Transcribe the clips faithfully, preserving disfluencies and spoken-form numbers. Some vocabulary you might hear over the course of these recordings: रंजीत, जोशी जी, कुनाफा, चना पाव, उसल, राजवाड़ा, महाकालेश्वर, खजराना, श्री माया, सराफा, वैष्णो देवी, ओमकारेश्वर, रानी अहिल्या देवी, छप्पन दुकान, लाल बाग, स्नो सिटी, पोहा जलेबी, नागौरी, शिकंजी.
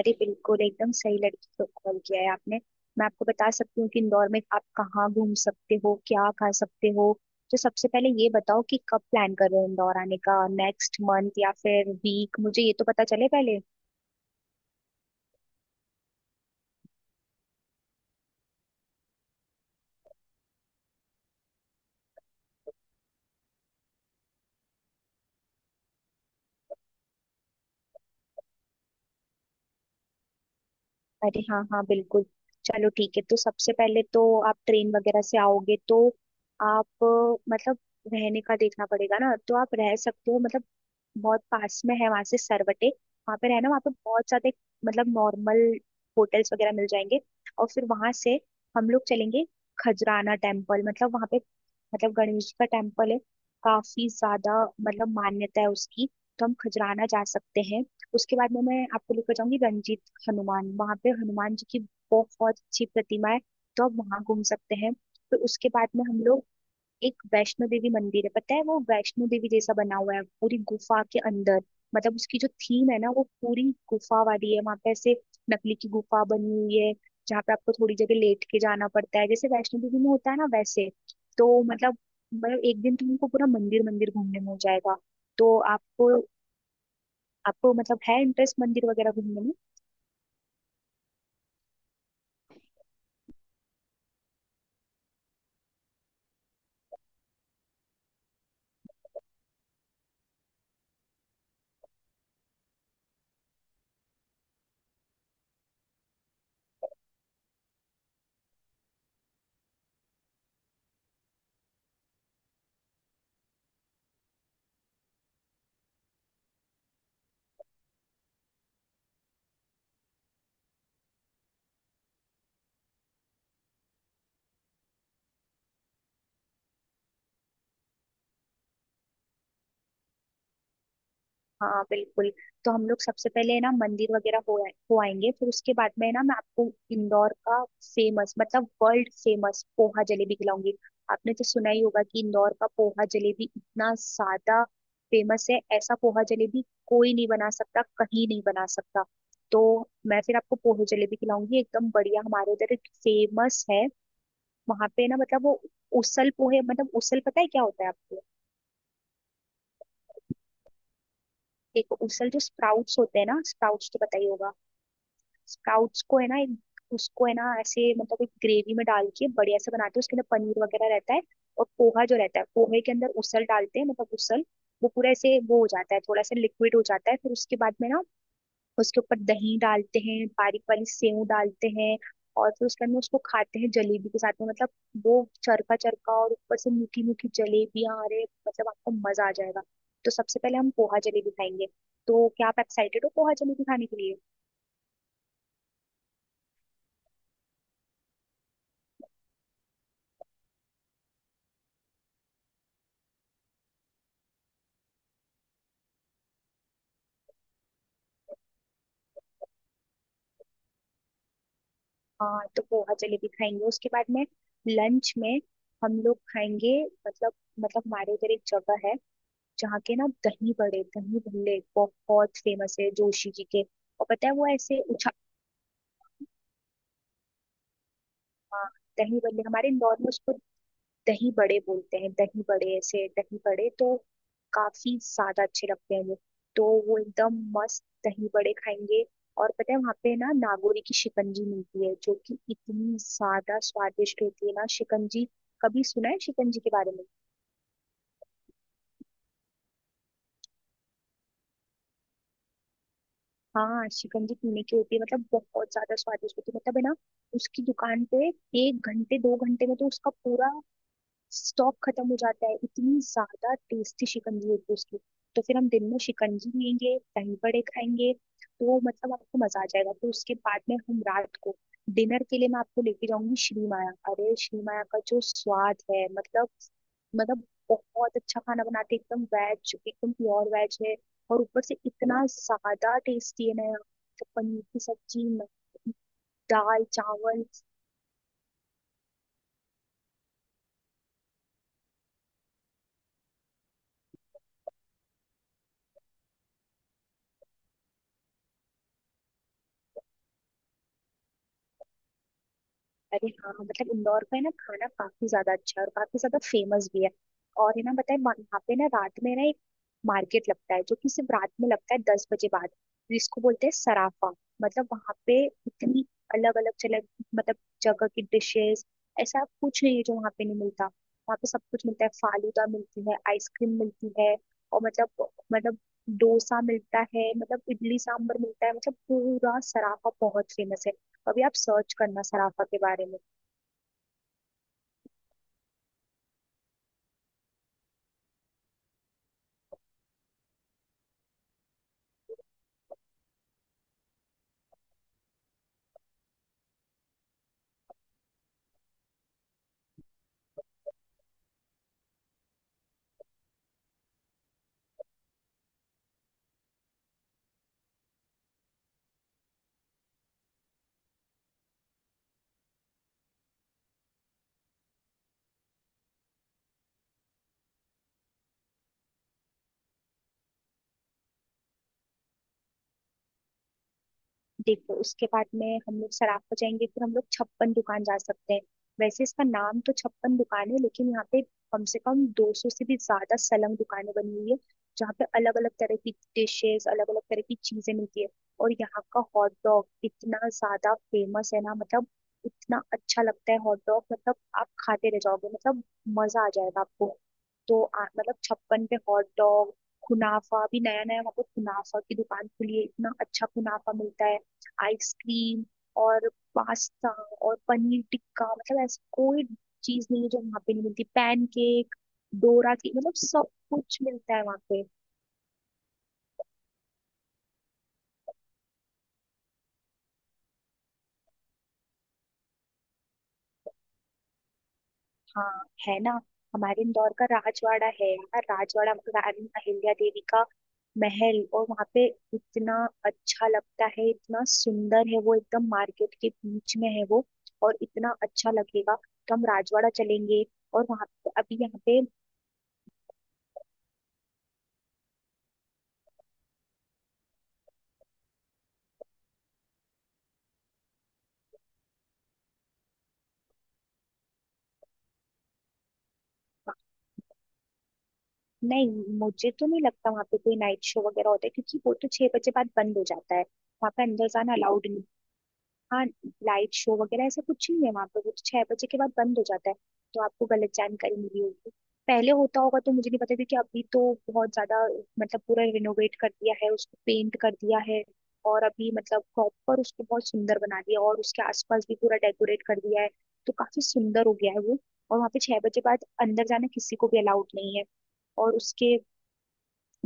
अरे बिल्कुल, एकदम सही लड़की को कॉल किया है आपने। मैं आपको बता सकती हूँ कि इंदौर में आप कहाँ घूम सकते हो, क्या खा सकते हो। तो सबसे पहले ये बताओ कि कब प्लान कर रहे हो इंदौर आने का, नेक्स्ट मंथ या फिर वीक, मुझे ये तो पता चले पहले। अरे हाँ हाँ, बिल्कुल। चलो ठीक है, तो सबसे पहले तो आप ट्रेन वगैरह से आओगे तो आप अ, मतलब रहने का देखना पड़ेगा ना, तो आप रह सकते हो मतलब बहुत पास में है वहां से सरवटे, वहां पे रहना। वहां पे बहुत ज्यादा मतलब नॉर्मल होटल्स वगैरह मिल जाएंगे। और फिर वहां से हम लोग चलेंगे खजराना टेम्पल, मतलब वहां पे मतलब गणेश जी का टेम्पल है, काफी ज्यादा मतलब मान्यता है उसकी। तो हम खजराना जा सकते हैं। उसके बाद में मैं आपको लेकर जाऊंगी रंजीत हनुमान, वहां पे हनुमान जी की बहुत अच्छी प्रतिमा है, तो आप वहां घूम सकते हैं। फिर उसके बाद में हम लोग एक वैष्णो देवी मंदिर है, पता है वो वैष्णो देवी जैसा बना हुआ है, पूरी गुफा के अंदर। मतलब उसकी जो थीम है ना वो पूरी गुफा वाली है, वहां पे ऐसे नकली की गुफा बनी हुई है, जहाँ पे आपको थोड़ी जगह लेट के जाना पड़ता है, जैसे वैष्णो देवी में होता है ना वैसे। तो मतलब मतलब एक दिन तुमको पूरा मंदिर मंदिर घूमने में हो जाएगा। तो आपको आपको मतलब है इंटरेस्ट मंदिर वगैरह घूमने में। हाँ बिल्कुल, तो हम लोग सबसे पहले है ना मंदिर वगैरह हो आए- हो आएंगे, फिर उसके बाद में है ना मैं आपको इंदौर का फेमस, मतलब वर्ल्ड फेमस पोहा जलेबी खिलाऊंगी। आपने तो सुना ही होगा कि इंदौर का पोहा जलेबी इतना ज्यादा फेमस है, ऐसा पोहा जलेबी कोई नहीं बना सकता, कहीं नहीं बना सकता। तो मैं फिर आपको पोहे जलेबी खिलाऊंगी, एकदम बढ़िया। हमारे उधर एक फेमस है वहां पे ना, मतलब वो उसल पोहे। मतलब उसल पता है क्या होता है आपको? एक उसल जो स्प्राउट्स होते हैं ना, स्प्राउट्स तो पता ही होगा। स्प्राउट्स को है ना एक- उसको है ना ऐसे मतलब एक ग्रेवी में डाल के बढ़िया से बनाते हैं, उसके अंदर पनीर वगैरह रहता है। और पोहा जो रहता है पोहे के अंदर उसल डालते हैं, मतलब उसल वो पूरा ऐसे वो हो जाता है, थोड़ा सा लिक्विड हो जाता है। फिर उसके बाद में ना उसके ऊपर दही डालते हैं, बारीक बारीक सेव डालते हैं, और फिर उसके अंदर उसको खाते हैं जलेबी के साथ में। मतलब वो चरखा चरखा और ऊपर से मीठी मीठी जलेबियां, अरे मतलब आपको मजा आ जाएगा। तो सबसे पहले हम पोहा जलेबी खाएंगे। तो क्या आप एक्साइटेड हो पोहा जलेबी खाने के लिए? हाँ तो पोहा जलेबी खाएंगे, उसके बाद में लंच में हम लोग खाएंगे मतलब मतलब हमारे उधर एक जगह है, जहाँ के ना दही बड़े, दही भल्ले बहुत फेमस है जोशी जी के, और पता है वो ऐसे उछा। हाँ, दही बल्ले हमारे इंदौर में उसको दही बड़े बोलते हैं। दही बड़े ऐसे, दही बड़े तो काफी ज्यादा अच्छे लगते हैं वो। तो वो एकदम मस्त दही बड़े खाएंगे। और पता है वहाँ पे ना नागौरी की शिकंजी मिलती है, जो कि इतनी ज्यादा स्वादिष्ट होती है ना शिकंजी। कभी सुना है शिकंजी के बारे में? हाँ शिकंजी पीने की होती है, मतलब बहुत ज्यादा स्वादिष्ट होती है। मतलब है ना उसकी दुकान पे एक घंटे दो घंटे में तो उसका पूरा स्टॉक खत्म हो जाता है, इतनी ज्यादा टेस्टी शिकंजी होती है उसकी। तो फिर हम दिन में शिकंजी लेंगे, दही बड़े खाएंगे, तो मतलब आपको मजा आ जाएगा। फिर उसके बाद में हम रात को डिनर के लिए मैं आपको लेके जाऊंगी श्री माया। अरे श्री माया का जो स्वाद है, मतलब मतलब बहुत अच्छा खाना बनाते हैं, एकदम वेज, एकदम प्योर वेज है। और ऊपर से इतना ज्यादा टेस्टी है ना यहाँ तो पनीर की सब्जी, दाल चावल। अरे हाँ हाँ, मतलब इंदौर का है ना खाना काफी ज्यादा अच्छा है और काफी ज्यादा फेमस भी है। और है ना बताए वहाँ पे ना रात में ना एक मार्केट लगता है, जो कि सिर्फ रात में लगता है दस बजे बाद, जिसको बोलते हैं सराफा। मतलब वहाँ पे इतनी अलग अलग चले, मतलब जगह की डिशेस, ऐसा कुछ नहीं है जो वहाँ पे नहीं मिलता, वहाँ पे सब कुछ मिलता है। फालूदा मिलती है, आइसक्रीम मिलती है, और मतलब मतलब डोसा मिलता है, मतलब इडली सांभर मिलता है। मतलब पूरा सराफा बहुत फेमस है, कभी आप सर्च करना सराफा के बारे में। देखो उसके बाद में हम लोग सराफ पर जाएंगे, फिर हम लोग छप्पन दुकान जा सकते हैं। वैसे इसका नाम तो छप्पन दुकान है, लेकिन यहाँ पे कम से कम दो सौ से भी ज्यादा सलंग दुकानें बनी हुई है, जहाँ पे अलग अलग तरह की डिशेस, अलग अलग तरह की चीजें मिलती है। और यहाँ का हॉट डॉग इतना ज्यादा फेमस है ना, मतलब इतना अच्छा लगता है हॉट डॉग, मतलब आप खाते रह जाओगे, मतलब मजा आ जाएगा आपको। तो आ, मतलब छप्पन पे हॉट डॉग, कुनाफा। अभी नया नया वहाँ पे कुनाफा की दुकान खुली है, इतना अच्छा कुनाफा मिलता है। आइसक्रीम और पास्ता और पनीर टिक्का, मतलब ऐसी कोई चीज नहीं है जो वहां पे नहीं मिलती। पैनकेक, डोरा, की मतलब सब कुछ मिलता है वहां पे। हाँ है ना, हमारे इंदौर का राजवाड़ा है यार, राजवाड़ा मतलब रानी अहिल्या देवी का महल। और वहां पे इतना अच्छा लगता है, इतना सुंदर है वो, एकदम मार्केट के बीच में है वो, और इतना अच्छा लगेगा। तो हम राजवाड़ा चलेंगे और वहां अभी यहाँ पे। नहीं, मुझे तो नहीं लगता वहां पे कोई नाइट शो वगैरह होता है, क्योंकि वो तो छह बजे बाद बंद हो जाता है, वहां पे अंदर जाना अलाउड नहीं। हाँ लाइट शो वगैरह ऐसा कुछ नहीं है वहां पर, वो तो छह बजे के बाद बंद हो जाता है। तो आपको गलत जानकारी मिली होगी, पहले होता होगा तो मुझे नहीं पता, क्योंकि अभी तो बहुत ज्यादा, मतलब पूरा रिनोवेट कर दिया है उसको, पेंट कर दिया है, और अभी मतलब प्रॉपर उसको बहुत सुंदर बना दिया, और उसके आसपास भी पूरा डेकोरेट कर दिया है, तो काफी सुंदर हो गया है वो। और वहाँ पे छह बजे बाद अंदर जाना किसी को भी अलाउड नहीं है। और उसके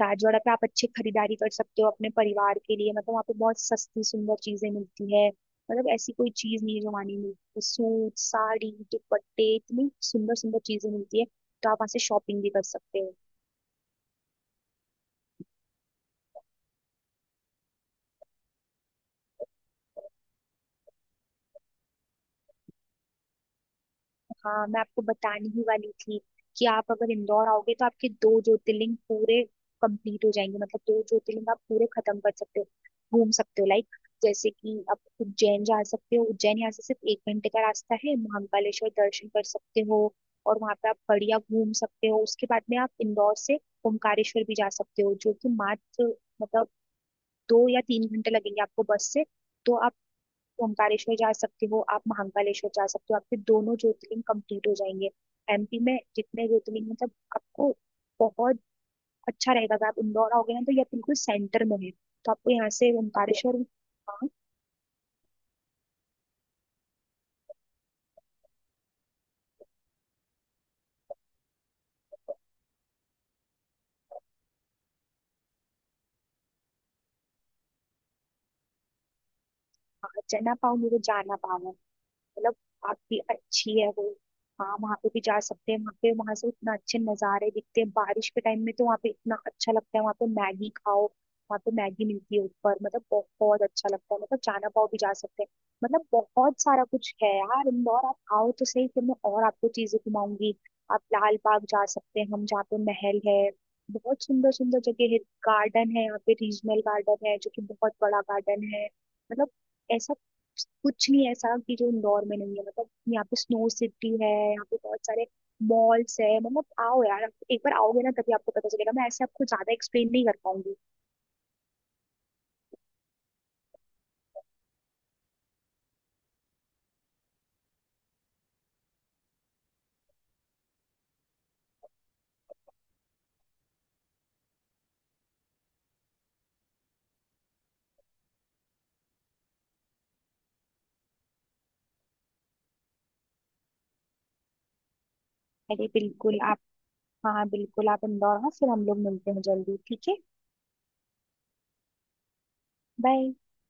राजवाड़ा पे आप अच्छी खरीदारी कर सकते हो अपने परिवार के लिए, मतलब वहाँ पे बहुत सस्ती सुंदर चीजें मिलती है। मतलब ऐसी कोई चीज नहीं है जो वहाँ नहीं मिलती। सूट, साड़ी, दुपट्टे, इतनी सुंदर सुंदर चीजें मिलती है, तो आप वहाँ से शॉपिंग भी कर सकते हो। हाँ मैं आपको बताने ही वाली थी, कि आप अगर इंदौर आओगे तो आपके दो ज्योतिर्लिंग पूरे कंप्लीट हो जाएंगे, मतलब दो ज्योतिर्लिंग आप पूरे खत्म कर सकते हो, घूम सकते हो। लाइक जैसे कि आप उज्जैन जा सकते हो, उज्जैन यहाँ से सिर्फ एक घंटे का रास्ता है, महाकालेश्वर दर्शन कर सकते हो, और वहाँ पे आप बढ़िया घूम सकते हो। उसके बाद में आप इंदौर से ओमकारेश्वर भी जा सकते हो, जो कि मात्र मतलब दो या तीन घंटे लगेंगे आपको बस से। तो आप तो ओमकारेश्वर जा सकते हो, आप महाकालेश्वर जा सकते हो, आपके दोनों ज्योतिर्लिंग कंप्लीट हो जाएंगे। एमपी में जितने ज्योतिर्लिंग, मतलब आपको बहुत अच्छा रहेगा अगर आप इंदौर आओगे ना, तो ये बिल्कुल सेंटर में है, तो आपको यहाँ से ओमकारेश्वर। हाँ हाँ, चना पाव, मुझे, जाना पाव मतलब काफी अच्छी है वो। हाँ वहां पे भी जा सकते हैं, वहां पे, वहां से इतना अच्छे नजारे दिखते हैं। बारिश के टाइम में तो वहां पे इतना अच्छा लगता है, वहां पे मैगी खाओ, वहां पे मैगी मिलती है ऊपर। मतलब बहुत अच्छा लगता है, मतलब चाना पाव भी जा सकते हैं। मतलब बहुत सारा कुछ है यार इंदौर, आप आओ तो सही, फिर मैं और आपको चीजें घुमाऊंगी। आप लाल बाग जा सकते हैं, हम जहाँ पे महल है, बहुत सुंदर सुंदर जगह है। गार्डन है, यहाँ पे रीजनल गार्डन है जो कि बहुत बड़ा गार्डन है। मतलब ऐसा कुछ नहीं ऐसा कि जो इंदौर में नहीं है। मतलब यहाँ पे स्नो सिटी है, यहाँ पे बहुत सारे मॉल्स है। मतलब आओ यार, आप एक बार आओगे ना तभी आपको पता चलेगा, मैं ऐसे आपको ज्यादा एक्सप्लेन नहीं कर पाऊंगी। अरे बिल्कुल आप, हाँ बिल्कुल, आप इंदौर हाँ फिर हम लोग मिलते हैं जल्दी, ठीक है। बाय।